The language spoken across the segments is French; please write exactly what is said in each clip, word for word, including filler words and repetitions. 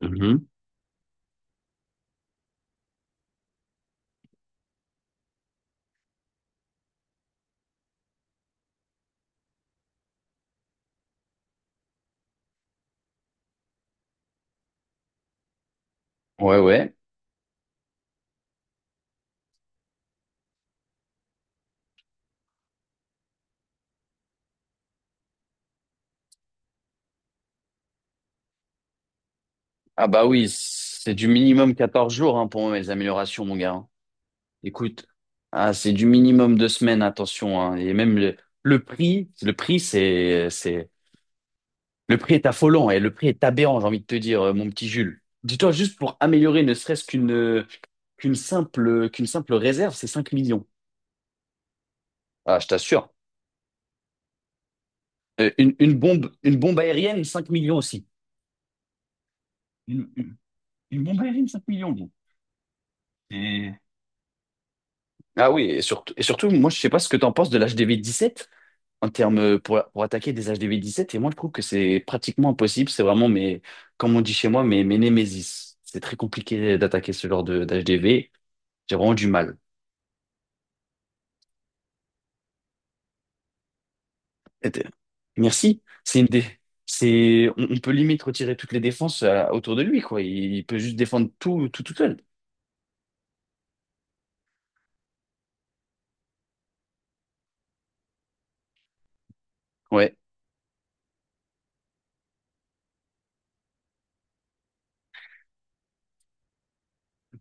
Mhm. Ouais, ouais. Ah bah oui, c'est du minimum quatorze jours, hein, pour moi, les améliorations, mon gars, hein. Écoute, ah, c'est du minimum deux semaines, attention, hein. Et même le, le prix, le prix, c'est, c'est, le prix est affolant et le prix est aberrant, j'ai envie de te dire, euh, mon petit Jules. Dis-toi, juste pour améliorer ne serait-ce qu'une euh, qu'une simple, qu'une simple réserve, c'est cinq millions. Ah, je t'assure. Euh, une, une bombe, une bombe aérienne, cinq millions aussi. Une, une- une bombe aérienne, cinq millions, gros. Ah oui, et surtout, et surtout, moi, je sais pas ce que tu en penses de l'H D V dix-sept en termes, euh, pour, pour attaquer des H D V dix-sept. Et moi, je trouve que c'est pratiquement impossible. C'est vraiment mes, comme on dit chez moi, mes, mes némésis. C'est très compliqué d'attaquer ce genre de d'H D V. J'ai vraiment du mal. Et t'es- Merci. C'est une dé- c'est, on, on peut limite retirer toutes les défenses, euh, autour de lui, quoi. Il, il peut juste défendre tout, tout, tout seul. Ouais.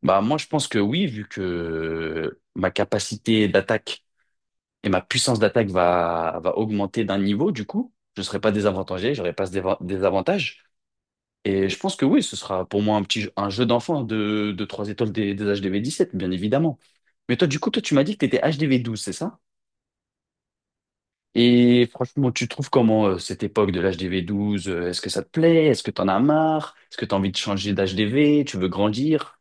Bah, moi, je pense que oui, vu que ma capacité d'attaque et ma puissance d'attaque va, va augmenter d'un niveau, du coup, je ne serai pas désavantagé, j'aurai pas ce déva- désavantage. Et je pense que oui, ce sera pour moi un petit jeu- un jeu d'enfant de, de trois étoiles des, des H D V dix-sept, bien évidemment. Mais toi, du coup, toi, tu m'as dit que tu étais H D V douze, c'est ça? Et franchement, tu trouves comment, euh, cette époque de l'H D V douze? euh, Est-ce que ça te plaît? Est-ce que t'en as marre? Est-ce que t'as envie de changer d'H D V? Tu veux grandir?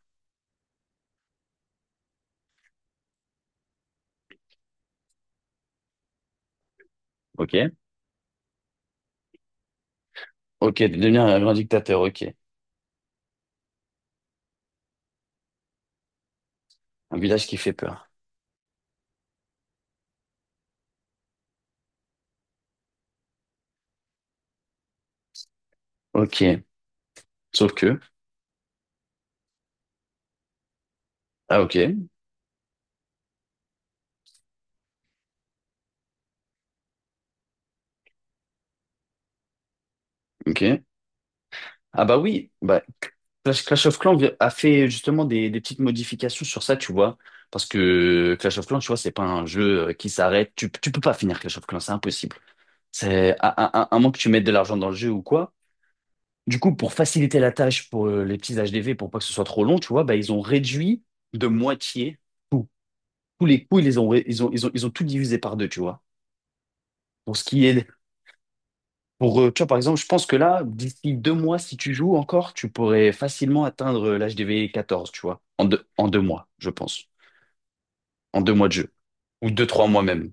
Ok. Ok, de devenir un grand dictateur, ok. Un village qui fait peur. Ok. Sauf que. Ah, ok. Ok. Ah bah oui, bah Clash, Clash of Clans vi- a fait justement des, des petites modifications sur ça, tu vois. Parce que Clash of Clans, tu vois, c'est pas un jeu, euh, qui s'arrête. Tu, tu peux pas finir Clash of Clans, c'est impossible. C'est à, à, à à moins que tu mettes de l'argent dans le jeu ou quoi. Du coup, pour faciliter la tâche pour, euh, les petits H D V, pour pas que ce soit trop long, tu vois, bah, ils ont réduit de moitié tout. Tous les coûts, ils les ont, ré- ils ont, ils ont, ils ont tout divisé par deux, tu vois. Pour ce qui est Pour, euh, tu vois, par exemple, je pense que là, d'ici deux mois, si tu joues encore, tu pourrais facilement atteindre, euh, l'âge des V quatorze, tu vois, en deux, en deux mois, je pense. En deux mois de jeu. Ou deux, trois mois même.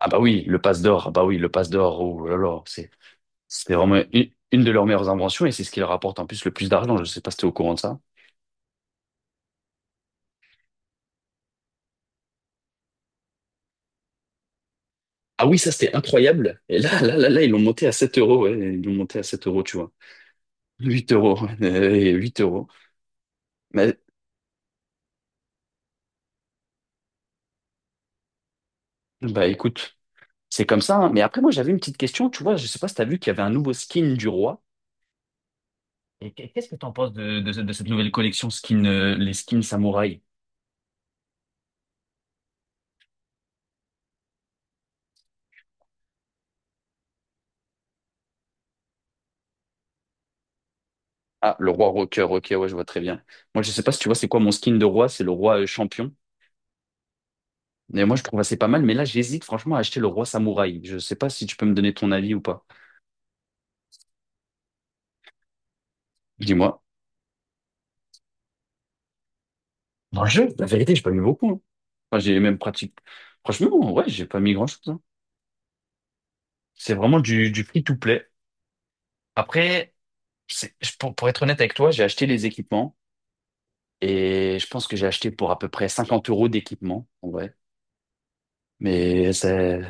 Ah bah oui, le passe d'or, ah bah oui, le passe d'or, oh là là, c'est c'est vraiment une, une de leurs meilleures inventions et c'est ce qui leur rapporte en plus le plus d'argent. Je sais pas si t'es au courant de ça. Ah oui, ça, c'était incroyable. Et là, là, là, là, ils l'ont monté à sept euros, ouais, ils l'ont monté à sept euros, tu vois. Huit euros, ouais, euh, et huit euros. Mais, bah écoute, c'est comme ça, hein. Mais après, moi, j'avais une petite question. Tu vois, je sais pas si tu as vu qu'il y avait un nouveau skin du roi. Et qu- qu'est-ce que tu en penses de, de, ce- de cette nouvelle collection skin, euh, les skins samouraï? Ah, le roi rocker. Ok, ouais, je vois très bien. Moi, je sais pas si tu vois, c'est quoi mon skin de roi? C'est le roi, euh, champion. Mais moi, je trouve assez pas mal. Mais là, j'hésite franchement à acheter le roi samouraï. Je sais pas si tu peux me donner ton avis ou pas. Dis-moi. Dans le jeu, la vérité, j'ai pas mis beaucoup, hein. Enfin, j'ai même pratique. Franchement, ouais, j'ai pas mis grand-chose, hein. C'est vraiment du, du free-to-play. Après, c'est- je- pour, pour être honnête avec toi, j'ai acheté les équipements. Et je pense que j'ai acheté pour à peu près cinquante euros d'équipement, en vrai. Mais c'est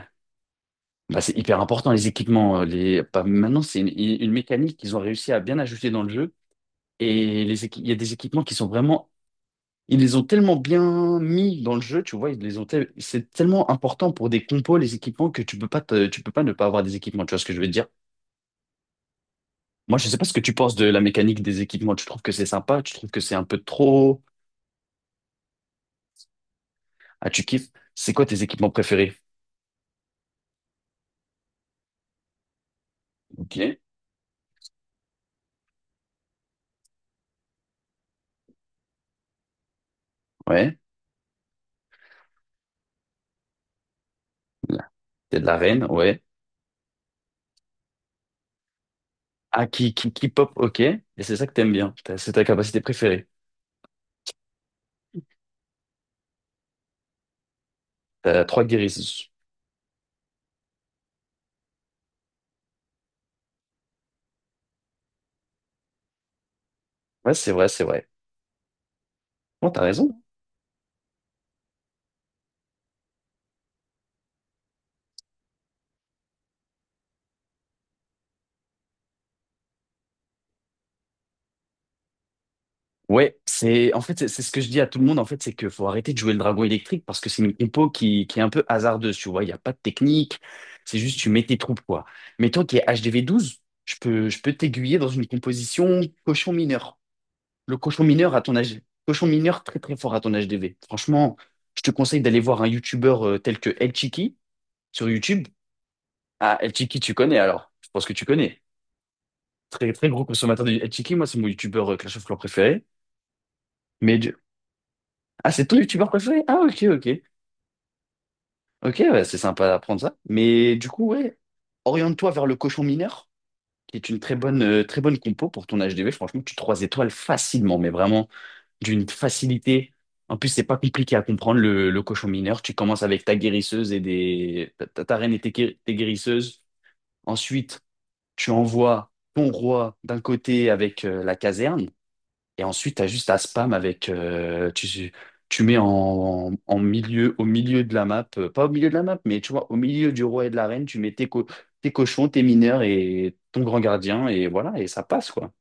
bah, c'est hyper important, les équipements. Euh, Les... bah, maintenant, c'est une, une mécanique qu'ils ont réussi à bien ajouter dans le jeu. Et les équi- il y a des équipements qui sont vraiment... Ils les ont tellement bien mis dans le jeu, tu vois, ils les ont tel- c'est tellement important pour des compos, les équipements, que tu peux pas te- tu peux pas ne pas avoir des équipements, tu vois ce que je veux dire? Moi, je sais pas ce que tu penses de la mécanique des équipements. Tu trouves que c'est sympa? Tu trouves que c'est un peu trop? Ah, tu kiffes? C'est quoi tes équipements préférés? Ok. Ouais. T'es de la reine, ouais. Ah, qui, qui, qui pop, ok. Et c'est ça que t'aimes bien. T'as- C'est ta capacité préférée. T'as trois guérisons. Ouais, c'est vrai, c'est vrai. Bon, t'as raison. Ouais, c'est, en fait, c'est c'est ce que je dis à tout le monde, en fait, c'est qu'il faut arrêter de jouer le dragon électrique parce que c'est une compo qui, qui est un peu hasardeuse, tu vois. Il n'y a pas de technique. C'est juste, tu mets tes troupes, quoi. Mais toi qui es H D V douze, je peux, je peux t'aiguiller dans une composition cochon mineur. Le cochon mineur à ton âge. Cochon mineur très, très fort à ton H D V. Franchement, je te conseille d'aller voir un youtubeur, euh, tel que El Chiqui sur YouTube. Ah, El Chiki, tu connais alors? Je pense que tu connais. Très, très gros consommateur de El Chiki. Moi, c'est mon YouTubeur, euh, Clash of Clans préféré. Mais du- Ah, c'est ton youtubeur préféré? Ah, ok, ok. Ok, ouais, c'est sympa d'apprendre ça. Mais du coup, ouais, oriente-toi vers le cochon mineur, qui est une très bonne, euh, très bonne compo pour ton H D V. Franchement, tu trois étoiles facilement, mais vraiment d'une facilité. En plus, c'est pas compliqué à comprendre le, le cochon mineur. Tu commences avec ta guérisseuse et des. Ta, ta- ta reine et tes gué- tes guérisseuses. Ensuite, tu envoies ton roi d'un côté avec, euh, la caserne, et ensuite tu as juste à spam avec. euh, tu, tu mets en, en milieu, au milieu de la map, euh, pas au milieu de la map, mais tu vois, au milieu du roi et de la reine, tu mets tes, co- tes cochons, tes mineurs et ton grand gardien, et voilà, et ça passe, quoi.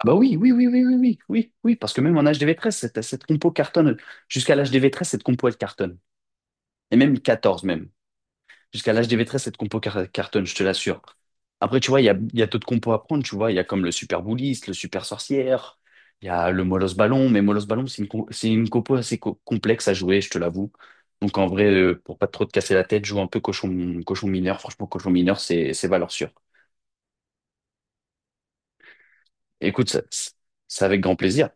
Ah bah oui, oui, oui, oui, oui, oui, oui, oui, parce que même en H D V treize, cette, cette compo cartonne. Jusqu'à l'H D V treize, cette compo, elle cartonne. Et même quatorze même. Jusqu'à l'H D V treize, cette compo car- cartonne, je te l'assure. Après, tu vois, il y a, il y a d'autres compos à prendre, tu vois. Il y a comme le Super Bouliste, le Super Sorcière, il y a le Molos Ballon, mais Molos Ballon, c'est une, com- c'est une compo assez co- complexe à jouer, je te l'avoue. Donc en vrai, euh, pour pas trop te casser la tête, joue un peu cochon, cochon mineur. Franchement, cochon mineur, c'est c'est valeur sûre. Écoute, ça- c'est avec grand plaisir.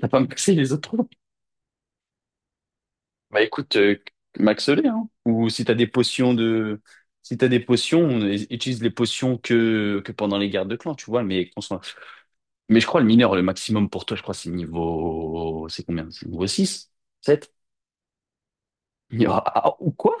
T'as pas me casser les autres. Bah écoute, euh, maxolé, hein. Ou si t'as des potions de, si t'as des potions, on les- utilise les potions que que pendant les guerres de clan, tu vois. Mais qu'on soit- mais je crois le mineur, le maximum pour toi, je crois c'est niveau, c'est combien? C'est niveau six? sept? Ah, ah, ou quoi?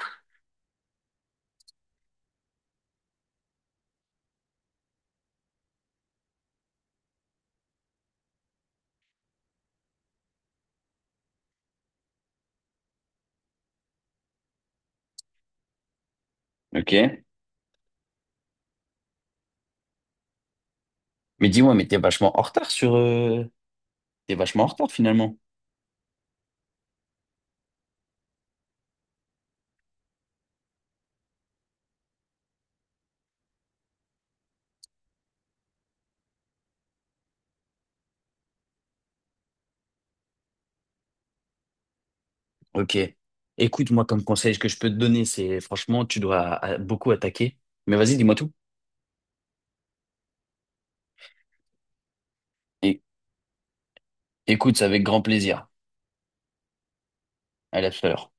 Ok. Mais dis-moi, mais t'es vachement en retard sur, euh, t'es vachement en retard finalement. Ok. Écoute, moi comme conseil que je peux te donner, c'est franchement, tu dois a- beaucoup attaquer. Mais vas-y, dis-moi tout. Et, écoute, c'est avec grand plaisir. Allez, à tout à l'heure.